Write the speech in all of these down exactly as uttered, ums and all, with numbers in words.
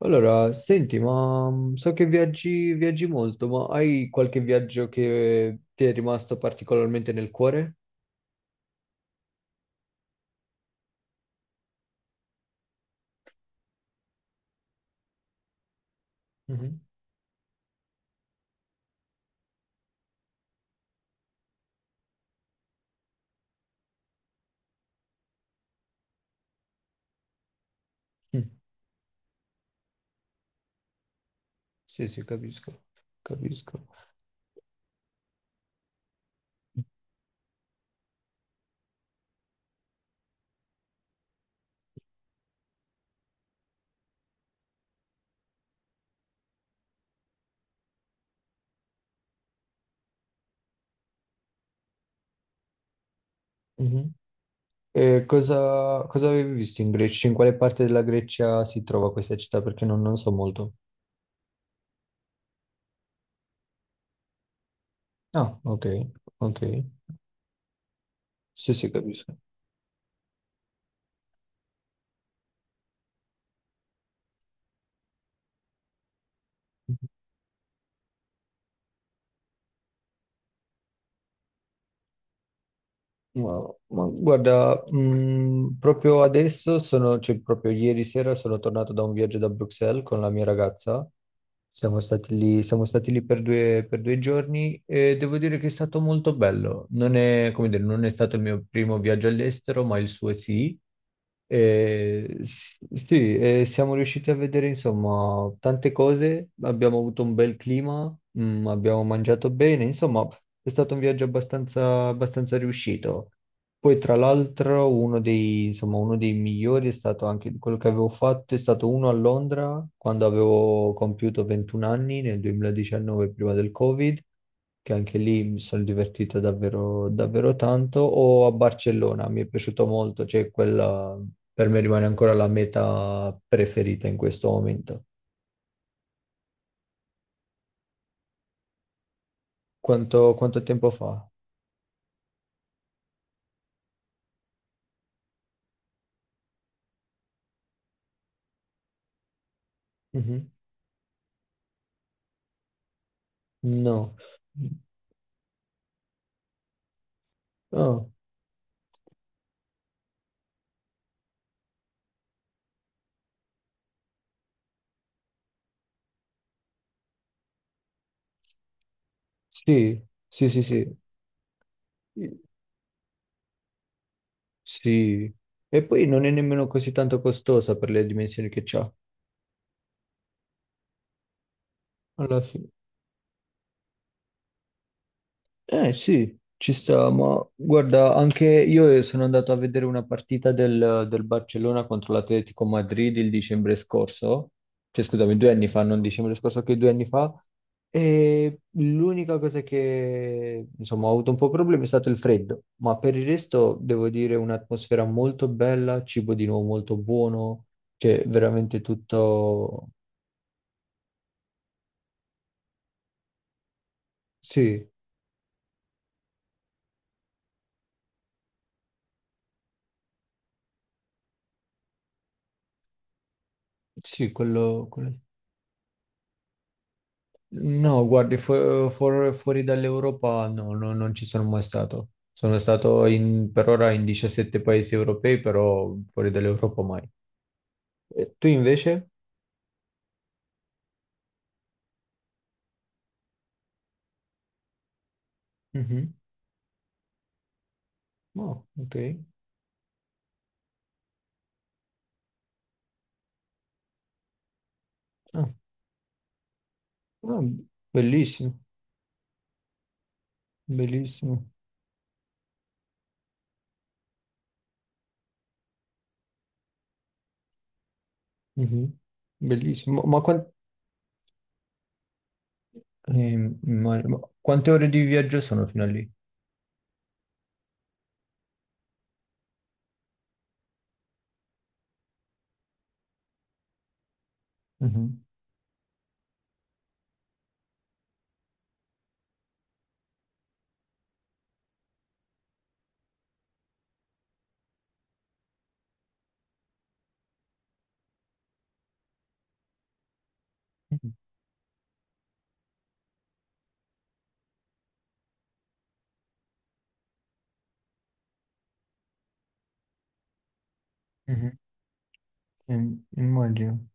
Allora, senti, ma mm, so che viaggi, viaggi molto, ma hai qualche viaggio che ti è rimasto particolarmente nel cuore? Mhm. Mm. Sì, sì, capisco, capisco. Mhm. E cosa, cosa avevi visto in Grecia? In quale parte della Grecia si trova questa città? Perché non, non so molto. Ah, ok, ok. Sì, sì, capisco. Ma, ma guarda, mh, proprio adesso sono, cioè proprio ieri sera sono tornato da un viaggio da Bruxelles con la mia ragazza. Siamo stati lì, siamo stati lì per due, per due giorni e devo dire che è stato molto bello. Non è, come dire, non è stato il mio primo viaggio all'estero, ma il suo sì. Eh, s- sì, eh, siamo riusciti a vedere insomma tante cose, abbiamo avuto un bel clima, mm, abbiamo mangiato bene, insomma è stato un viaggio abbastanza, abbastanza riuscito. Poi tra l'altro uno dei, insomma, uno dei migliori è stato anche quello che avevo fatto, è stato uno a Londra quando avevo compiuto ventun anni nel duemiladiciannove prima del Covid, che anche lì mi sono divertito davvero, davvero tanto, o a Barcellona, mi è piaciuto molto, cioè quella per me rimane ancora la meta preferita in questo momento. Quanto, quanto tempo fa? Mhm. No. Ah, sì, sì, sì, sì. Sì. E poi non è nemmeno così tanto costosa per le dimensioni che c'ha. Alla fine. Eh sì, ci sta, ma guarda, anche io eh, sono andato a vedere una partita del, del Barcellona contro l'Atletico Madrid il dicembre scorso, cioè scusami, due anni fa, non dicembre scorso, che due anni fa, e l'unica cosa che insomma ho avuto un po' problemi è stato il freddo, ma per il resto devo dire un'atmosfera molto bella, cibo di nuovo molto buono, cioè veramente tutto. Sì, sì, quello, quello. No, guardi, fu- fuor- fuori dall'Europa no, no, non ci sono mai stato. Sono stato in- per ora in diciassette paesi europei, però fuori dall'Europa mai. E tu invece? Mhm. Oh, ok. Ah, ah, bellissimo, bellissimo. Mhm. Bellissimo. Ma, quan- ehm, immag- ma quante ore di viaggio sono fino a lì? Mhm. Mhm. Ehm, Immagino.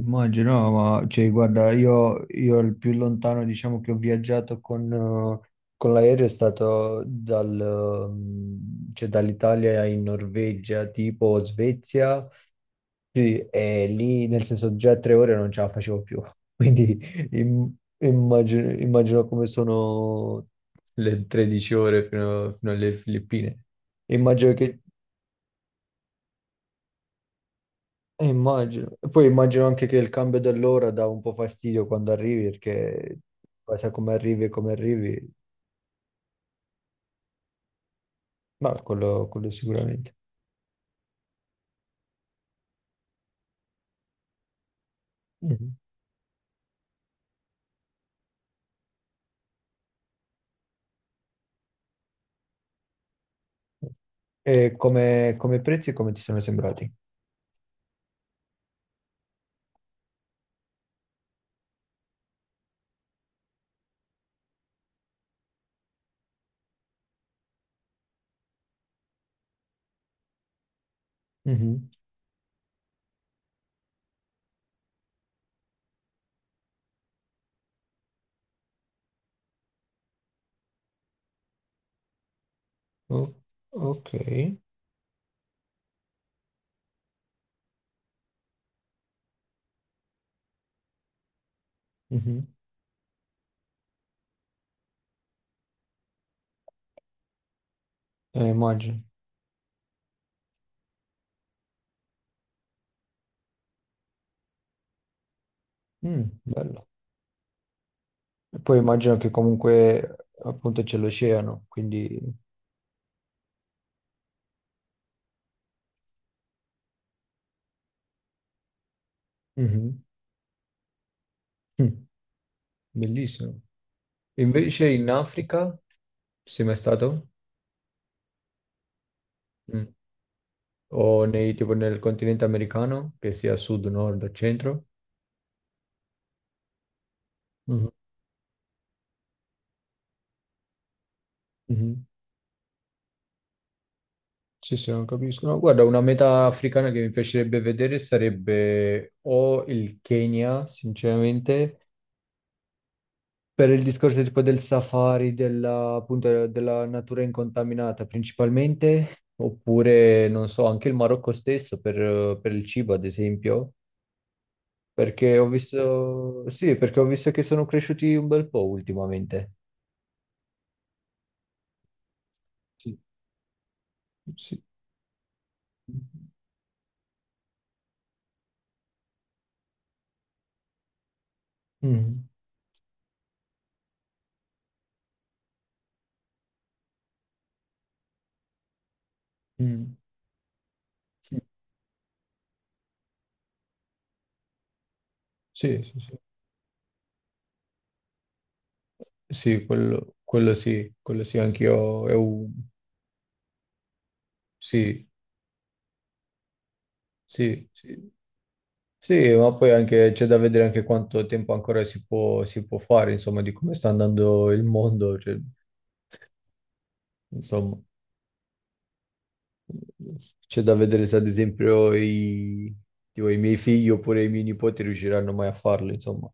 Immagino, no, ma cioè, guarda, io, io il più lontano diciamo che ho viaggiato con, eh, con l'aereo è stato dal, ehm, cioè, dall'Italia in Norvegia, tipo Svezia, sì, e lì nel senso già tre ore non ce la facevo più, quindi im- immagino, immagino come sono le tredici ore fino, fino alle Filippine. Immagino che. Eh, immagino. E poi immagino anche che il cambio dell'ora dà un po' fastidio quando arrivi, perché poi sai come arrivi e come arrivi, ma quello, quello sicuramente. Mhm. E come, come prezzi, come ti sono sembrati? Mhm. O- ok. Mhm. Eh, immagino. Mm, bello. E poi immagino che comunque appunto c'è l'oceano, quindi. Mhm. Mm, bellissimo. Invece in Africa, sei mai stato? Mm. O nei, tipo, nel continente americano, che sia sud, nord o centro. Mhm, mhm. Sì, sì, non capisco. No, guarda, una meta africana che mi piacerebbe vedere sarebbe o il Kenya, sinceramente, per il discorso tipo del safari, della, appunto, della natura incontaminata principalmente, oppure, non so, anche il Marocco stesso per, per il cibo, ad esempio, perché ho visto, sì, perché ho visto che sono cresciuti un bel po' ultimamente. Sì, sì. Mm, mm, sì, sì, sì, sì, sì, quello, quello sì, quello sì, anch'io, è un- sì, sì, sì, sì, ma poi anche c'è da vedere anche quanto tempo ancora si può, si può fare, insomma, di come sta andando il mondo, cioè, insomma, c'è da vedere se ad esempio i, tipo, i miei figli oppure i miei nipoti riusciranno mai a farlo, insomma.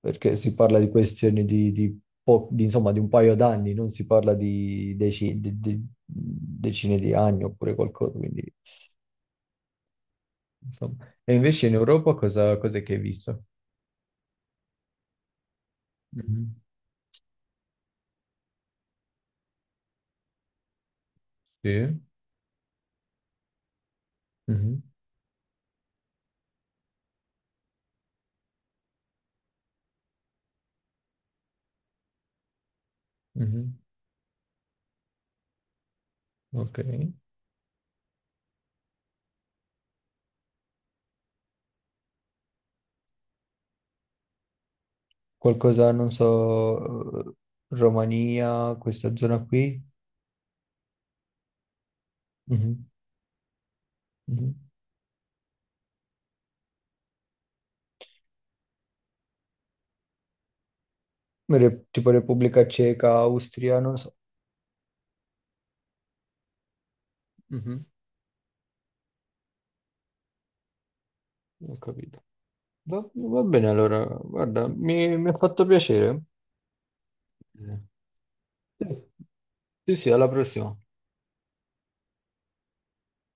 Perché si parla di questioni di, di po- di, insomma, di un paio d'anni, non si parla di, deci- di- di- decine di anni oppure qualcosa, quindi insomma. E invece in Europa cosa, cos'è che hai visto? Mhm. Sì. Mhm. Mhm. Ok. Qualcosa, non so, eh, Romania, questa zona qui? Mhm. Mhm. Re- Tipo Repubblica Ceca, Austria, non so. Mhm. Ho capito. Va, va bene allora, guarda, mi mi ha fatto piacere. Eh. Sì, sì, alla prossima.